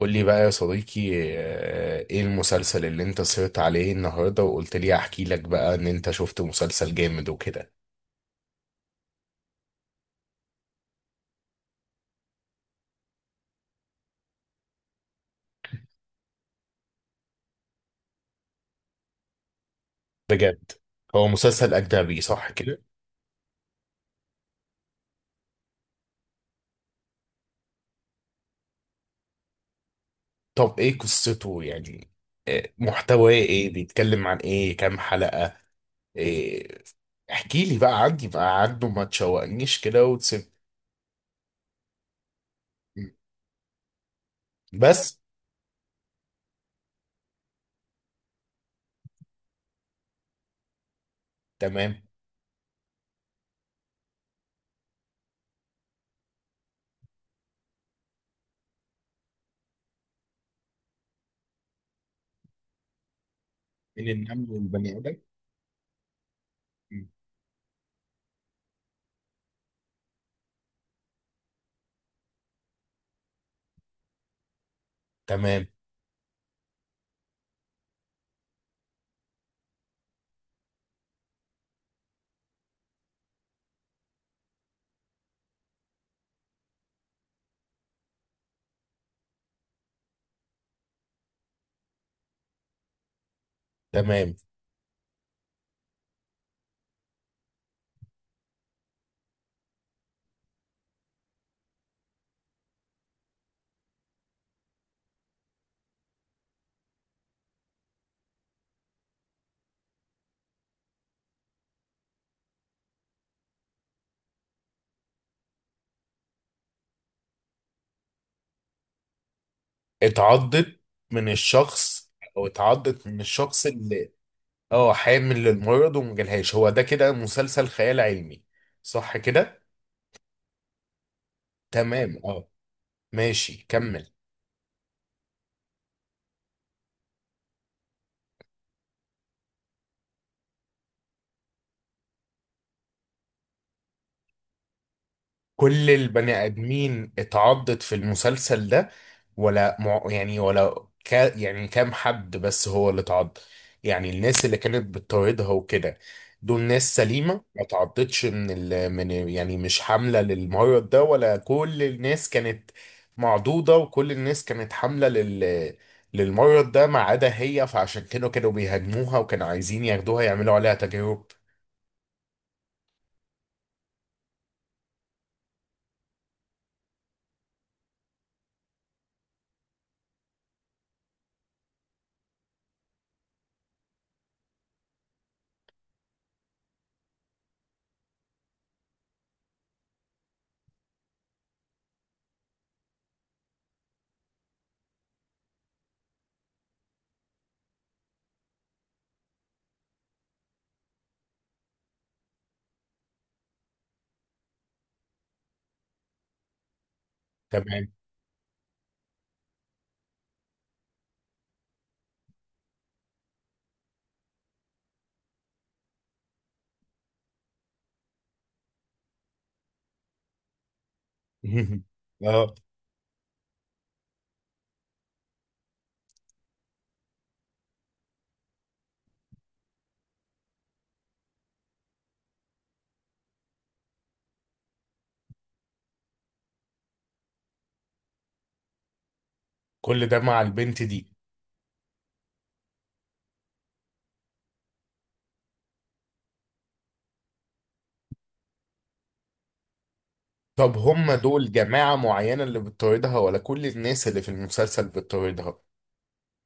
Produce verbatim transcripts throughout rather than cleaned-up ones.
قول لي بقى يا صديقي. آه، ايه المسلسل اللي انت سهرت عليه النهارده وقلت لي احكي لك بقى ان انت شفت مسلسل جامد وكده؟ بجد؟ هو مسلسل اجنبي صح كده؟ طب ايه قصته يعني، محتواه ايه، بيتكلم عن ايه، كام حلقة؟ إيه؟ احكي لي بقى عندي بقى عنه، ما تشوقنيش كده وتسيب. بس؟ تمام. من النمل والبني ادم. تمام. تمام. اتعضت من الشخص، او اتعضت من الشخص اللي. اه حامل للمرض ومجالهاش، هو ده كده مسلسل خيال علمي صح كده؟ تمام اه. ماشي كمل. كل البني ادمين اتعضت في المسلسل ده؟ ولا مع يعني ولا كا يعني كام حد بس هو اللي اتعض؟ يعني الناس اللي كانت بتطاردها وكده دول ناس سليمة ما اتعضتش من ال من، يعني مش حاملة للمرض ده؟ ولا كل الناس كانت معضوضة وكل الناس كانت حاملة لل للمرض ده ما عدا هي، فعشان كده كانوا بيهاجموها وكانوا عايزين ياخدوها يعملوا عليها تجارب؟ تمام. اه. كل ده مع البنت دي؟ طب هم دول جماعة معينة اللي بتطاردها ولا كل الناس اللي في المسلسل بتطاردها؟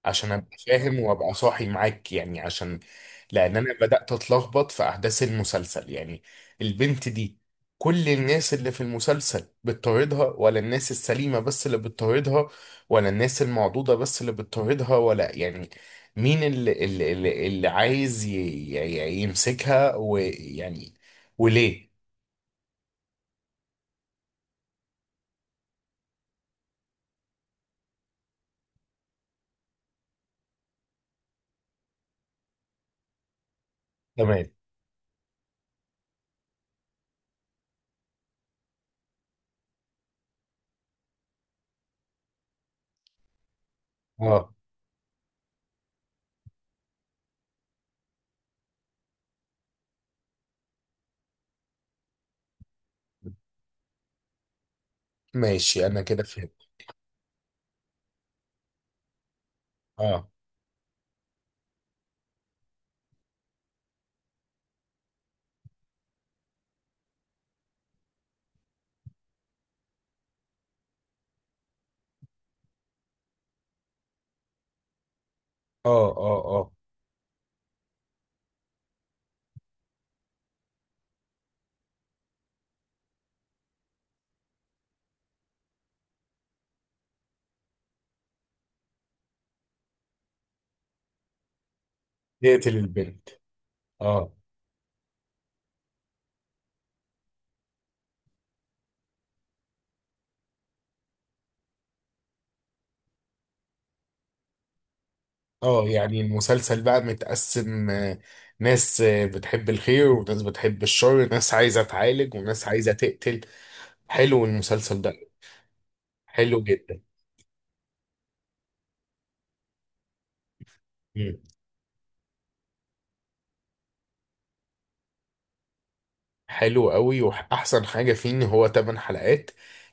عشان ابقى فاهم وابقى صاحي معاك يعني، عشان لان انا بدأت اتلخبط في احداث المسلسل يعني. البنت دي كل الناس اللي في المسلسل بتطاردها؟ ولا الناس السليمة بس اللي بتطاردها؟ ولا الناس المعضوضة بس اللي بتطاردها؟ ولا يعني مين اللي اللي, اللي اللي عايز ي- ي- يمسكها ويعني، وليه؟ تمام. اه ماشي انا كده فهمت. اه اه اه اه يقتل البنت؟ اه. اه يعني المسلسل بقى متقسم، آه، ناس آه، بتحب الخير وناس بتحب الشر، ناس عايزة تعالج وناس عايزة تقتل. حلو المسلسل ده؟ حلو جدا. مم. حلو قوي، واحسن حاجة فيه ان هو تمن حلقات،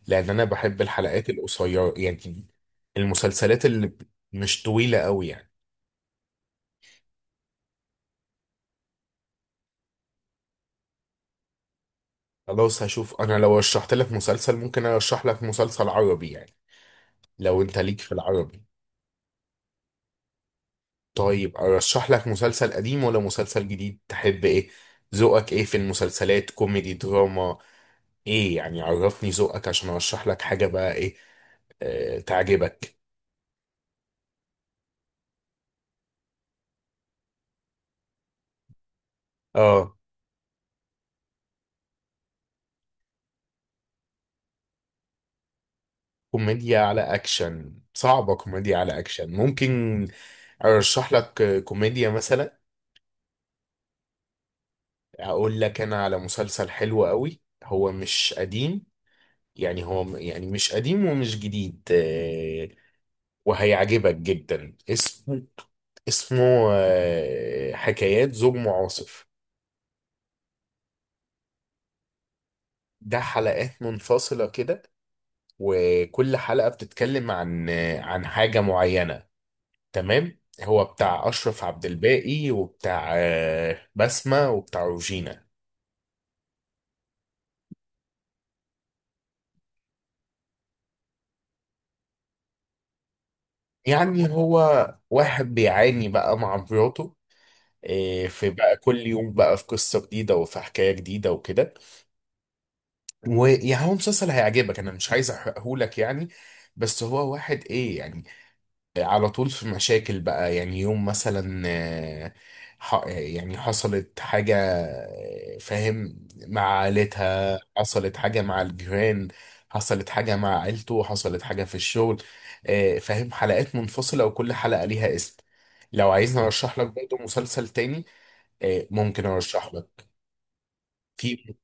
لان انا بحب الحلقات القصيرة يعني، المسلسلات اللي ب- مش طويلة قوي يعني. خلاص هشوف انا لو رشحت لك مسلسل ممكن ارشح لك مسلسل عربي يعني، لو انت ليك في العربي. طيب ارشح لك مسلسل قديم ولا مسلسل جديد، تحب ايه؟ ذوقك ايه في المسلسلات، كوميدي دراما ايه يعني، عرفني ذوقك عشان ارشح لك حاجة بقى ايه آه تعجبك. اه. كوميديا على اكشن صعبة، كوميديا على اكشن ممكن ارشح لك آه، كوميديا مثلا. اقول لك انا على مسلسل حلو قوي، هو مش قديم يعني، هو م- يعني مش قديم ومش جديد، آه، وهيعجبك جدا. اسمه، اسمه، آه، حكايات زوج معاصر. ده حلقات منفصلة كده، وكل حلقة بتتكلم عن آه، عن حاجة معينة، تمام؟ هو بتاع أشرف عبد الباقي وبتاع آه، بسمة وبتاع روجينا. يعني هو واحد بيعاني بقى مع مراته، آه، في بقى كل يوم بقى في قصة جديدة وفي حكاية جديدة وكده. ويعني هو مسلسل هيعجبك، أنا مش عايز أحرقهولك يعني، بس هو واحد إيه يعني، على طول في مشاكل بقى يعني، يوم مثلا آه، ح- يعني حصلت حاجة، آه، فاهم، مع عائلتها، حصلت حاجة مع الجيران، حصلت حاجة مع عيلته، حصلت حاجة في الشغل، آه، فاهم، حلقات منفصلة وكل حلقة ليها اسم. لو عايزني ارشح لك برضه مسلسل تاني، آه، ممكن ارشح لك. في،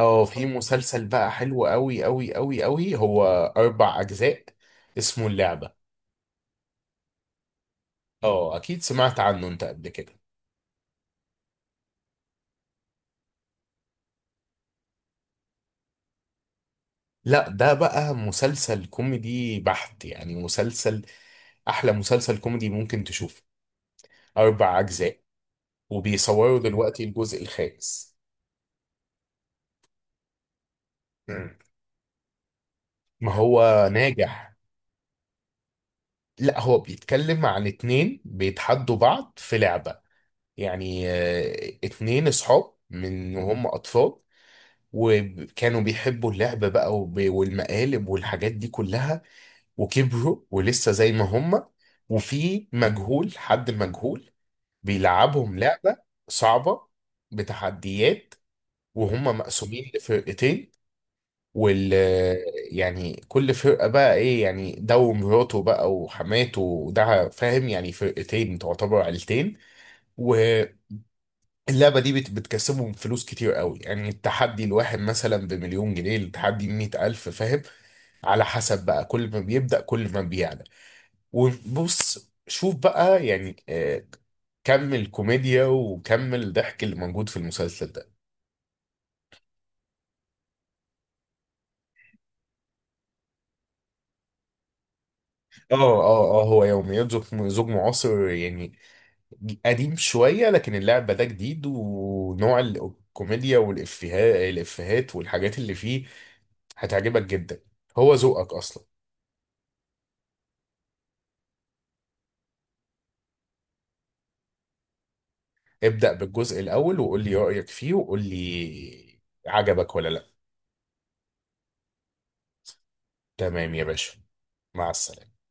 اه في مسلسل بقى حلو قوي قوي قوي قوي، هو اربع اجزاء، اسمه اللعبة. اه اكيد سمعت عنه انت قبل كده. لا ده بقى مسلسل كوميدي بحت، يعني مسلسل احلى مسلسل كوميدي ممكن تشوفه، اربع اجزاء، وبيصوروا دلوقتي الجزء الخامس. مم. ما هو ناجح. لا هو بيتكلم عن اتنين بيتحدوا بعض في لعبة، يعني آه، اتنين اصحاب من وهم اطفال وكانوا بيحبوا اللعب بقى وب- والمقالب والحاجات دي كلها، وكبروا ولسه زي ما هم. وفي مجهول، حد مجهول بيلعبهم لعبة صعبة بتحديات، وهم مقسومين لفرقتين، وال يعني كل فرقة بقى ايه يعني ده ومراته بقى وحماته، وده فاهم يعني، فرقتين تعتبر عيلتين. واللعبة دي بت- بتكسبهم فلوس كتير قوي، يعني التحدي الواحد مثلا بمليون جنيه، التحدي مئة ألف، فاهم، على حسب بقى، كل ما بيبدأ كل ما بيعلى. وبص شوف بقى يعني آه، كم الكوميديا وكم الضحك اللي موجود في المسلسل ده. اه اه اه. هو يوميات زوج زوج معاصر يعني قديم شوية، لكن اللعبة ده جديد، ونوع الكوميديا والإفيهات، الإفيهات والحاجات اللي فيه هتعجبك جدا، هو ذوقك أصلا. ابدأ بالجزء الأول وقول لي رأيك فيه، وقول لي عجبك ولا لا. تمام يا باشا. مع السلامة.